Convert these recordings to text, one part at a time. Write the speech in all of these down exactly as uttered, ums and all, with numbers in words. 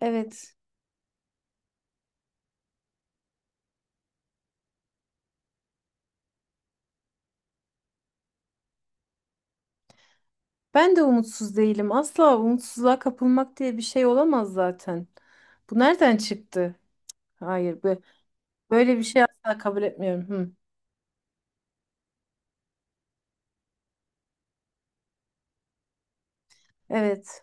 Evet. Ben de umutsuz değilim. Asla umutsuzluğa kapılmak diye bir şey olamaz zaten. Bu nereden çıktı? Hayır, bu- böyle bir şey asla kabul etmiyorum. Hı. Evet,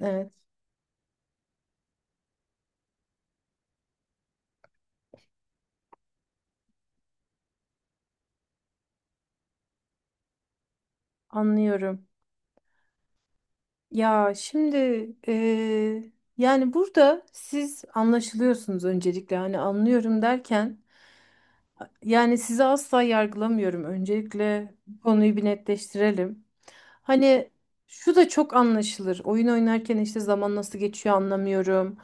evet, anlıyorum. Ya şimdi eee, yani burada siz anlaşılıyorsunuz öncelikle. Hani anlıyorum derken. Yani sizi asla yargılamıyorum. Öncelikle bu konuyu bir netleştirelim. Hani şu da çok anlaşılır. Oyun oynarken işte zaman nasıl geçiyor anlamıyorum.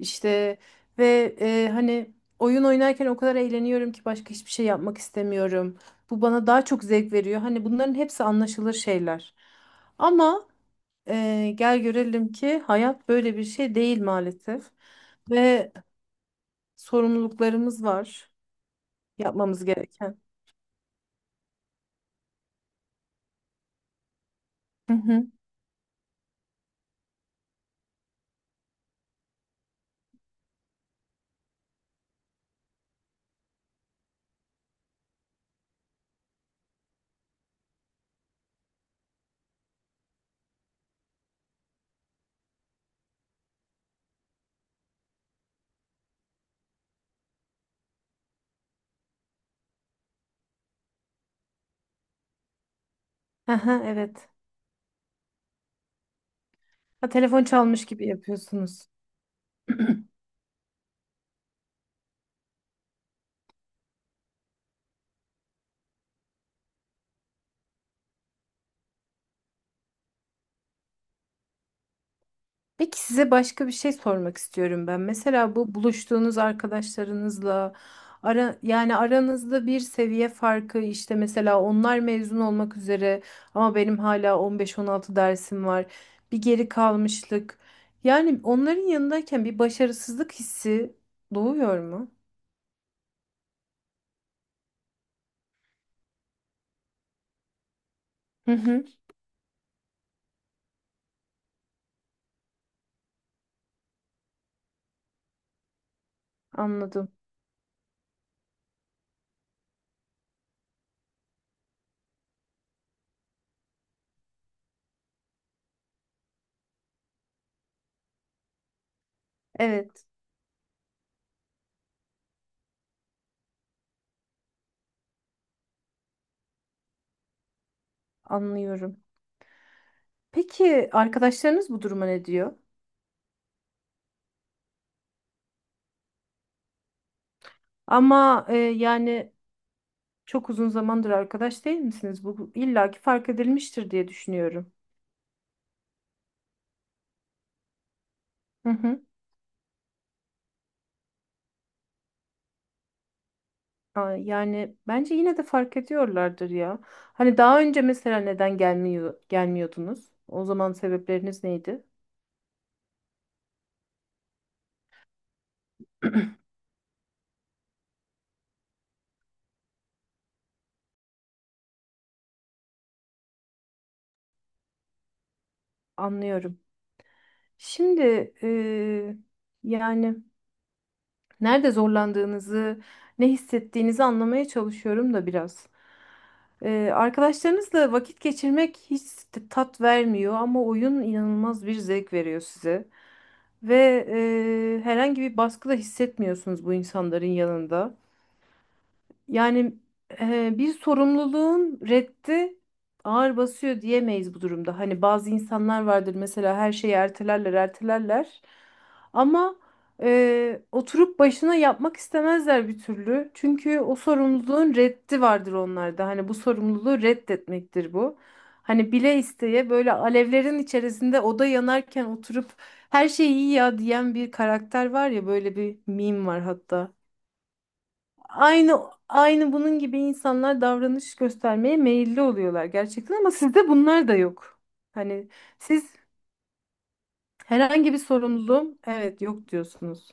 İşte ve e, hani oyun oynarken o kadar eğleniyorum ki başka hiçbir şey yapmak istemiyorum. Bu bana daha çok zevk veriyor. Hani bunların hepsi anlaşılır şeyler. Ama e, gel görelim ki hayat böyle bir şey değil maalesef. Ve sorumluluklarımız var yapmamız gereken. Aha, evet. Ha, telefon çalmış gibi yapıyorsunuz. Peki size başka bir şey sormak istiyorum ben. Mesela bu buluştuğunuz arkadaşlarınızla ara, yani aranızda bir seviye farkı, işte mesela onlar mezun olmak üzere ama benim hala on beş on altı dersim var. Bir geri kalmışlık. Yani onların yanındayken bir başarısızlık hissi doğuyor mu? Hı hı, anladım. Evet, anlıyorum. Peki arkadaşlarınız bu duruma ne diyor? Ama e, yani çok uzun zamandır arkadaş değil misiniz? Bu bu illaki fark edilmiştir diye düşünüyorum. Hı hı. Aa, yani bence yine de fark ediyorlardır ya. Hani daha önce mesela neden gelmiyor gelmiyordunuz? O zaman sebepleriniz neydi? Anlıyorum. Şimdi e, yani. Nerede zorlandığınızı, ne hissettiğinizi anlamaya çalışıyorum da biraz. Ee, arkadaşlarınızla vakit geçirmek hiç t- tat vermiyor ama oyun inanılmaz bir zevk veriyor size. Ve e, herhangi bir baskı da hissetmiyorsunuz bu insanların yanında. Yani e, bir sorumluluğun reddi ağır basıyor diyemeyiz bu durumda. Hani bazı insanlar vardır, mesela her şeyi ertelerler, ertelerler. Ama e, oturup başına yapmak istemezler bir türlü. Çünkü o sorumluluğun reddi vardır onlarda. Hani bu sorumluluğu reddetmektir bu. Hani bile isteye böyle alevlerin içerisinde oda yanarken oturup her şey iyi ya diyen bir karakter var ya, böyle bir meme var hatta, aynı aynı bunun gibi insanlar davranış göstermeye meyilli oluyorlar gerçekten, ama sizde bunlar da yok. Hani siz herhangi bir sorumluluğum, evet, yok diyorsunuz.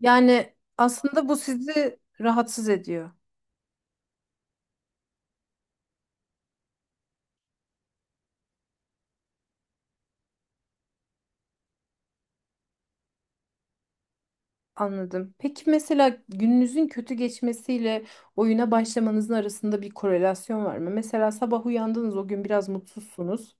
Yani aslında bu sizi rahatsız ediyor. Anladım. Peki mesela gününüzün kötü geçmesiyle oyuna başlamanızın arasında bir korelasyon var mı? Mesela sabah uyandınız, o gün biraz mutsuzsunuz.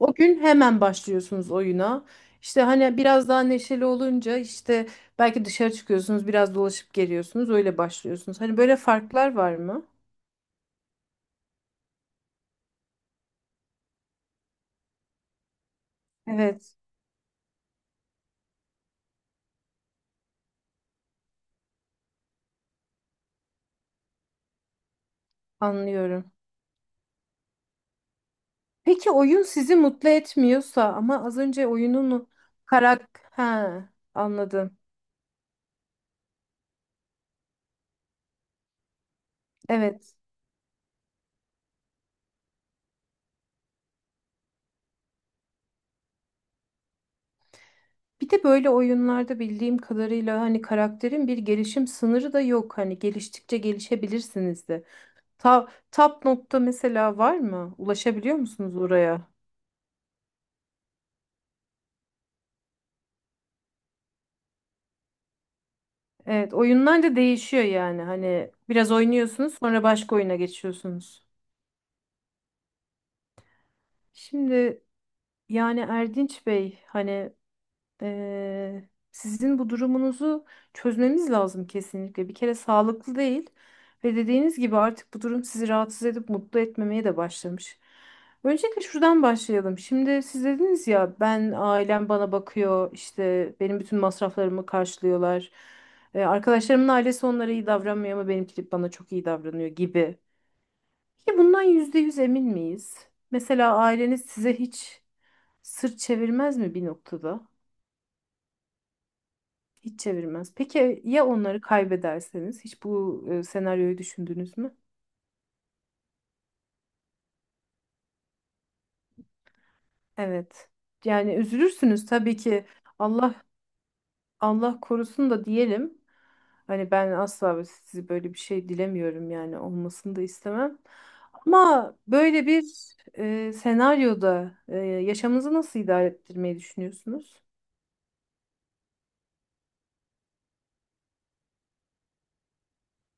O gün hemen başlıyorsunuz oyuna. İşte hani biraz daha neşeli olunca işte belki dışarı çıkıyorsunuz, biraz dolaşıp geliyorsunuz, öyle başlıyorsunuz. Hani böyle farklar var mı? Evet. Anlıyorum. Peki oyun sizi mutlu etmiyorsa, ama az önce oyunun karak ha, anladım. Evet. Bir de böyle oyunlarda bildiğim kadarıyla hani karakterin bir gelişim sınırı da yok. Hani geliştikçe gelişebilirsiniz de. Ta, top nokta mesela var mı? Ulaşabiliyor musunuz oraya? Evet, oyunlar da değişiyor yani. Hani biraz oynuyorsunuz, sonra başka oyuna geçiyorsunuz. Şimdi yani Erdinç Bey, hani Eee, sizin bu durumunuzu çözmemiz lazım kesinlikle. Bir kere sağlıklı değil ve dediğiniz gibi artık bu durum sizi rahatsız edip mutlu etmemeye de başlamış. Öncelikle şuradan başlayalım. Şimdi siz dediniz ya, ben ailem bana bakıyor, işte benim bütün masraflarımı karşılıyorlar. Ee, arkadaşlarımın ailesi onlara iyi davranmıyor ama benimki bana çok iyi davranıyor gibi. Ki bundan yüzde yüz emin miyiz? Mesela aileniz size hiç sırt çevirmez mi bir noktada? Hiç çevirmez. Peki e, ya onları kaybederseniz? Hiç bu e, senaryoyu düşündünüz mü? Evet. Yani üzülürsünüz tabii ki. Allah Allah korusun da diyelim. Hani ben asla ve sizi böyle bir şey dilemiyorum, yani olmasını da istemem. Ama böyle bir e, senaryoda e, yaşamınızı nasıl idare ettirmeyi düşünüyorsunuz?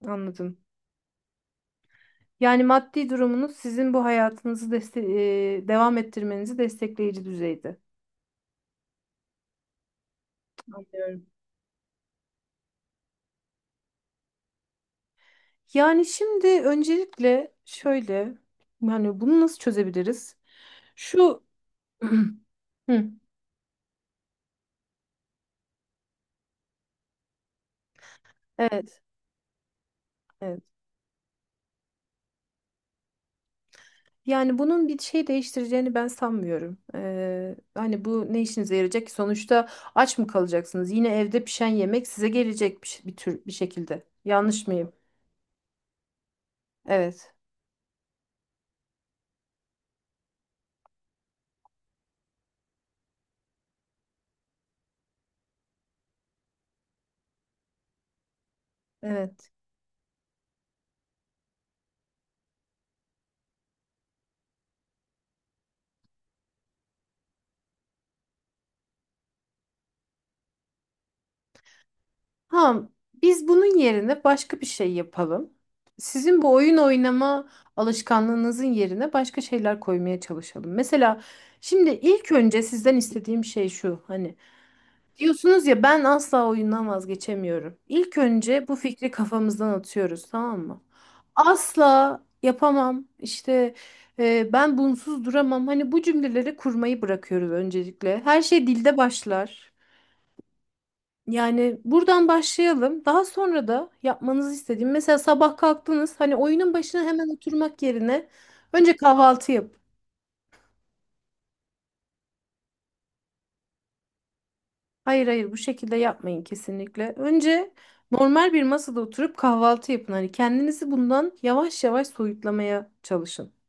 Anladım. Yani maddi durumunuz sizin bu hayatınızı deste- e, devam ettirmenizi destekleyici düzeyde. Anlıyorum. Yani şimdi öncelikle şöyle, yani bunu nasıl çözebiliriz? Şu Hı. Evet, evet. Yani bunun bir şey değiştireceğini ben sanmıyorum. Ee, hani bu ne işinize yarayacak ki? Sonuçta aç mı kalacaksınız? Yine evde pişen yemek size gelecek bir, ş- bir tür bir şekilde. Yanlış mıyım? Evet. Evet. Ha, biz bunun yerine başka bir şey yapalım. Sizin bu oyun oynama alışkanlığınızın yerine başka şeyler koymaya çalışalım. Mesela şimdi ilk önce sizden istediğim şey şu. Hani diyorsunuz ya, ben asla oyundan vazgeçemiyorum. İlk önce bu fikri kafamızdan atıyoruz, tamam mı? Asla yapamam. İşte e, ben bunsuz duramam. Hani bu cümleleri kurmayı bırakıyoruz öncelikle. Her şey dilde başlar. Yani buradan başlayalım. Daha sonra da yapmanızı istediğim, mesela sabah kalktınız hani oyunun başına hemen oturmak yerine önce kahvaltı yap. Hayır hayır, bu şekilde yapmayın kesinlikle. Önce normal bir masada oturup kahvaltı yapın. Hani kendinizi bundan yavaş yavaş soyutlamaya çalışın.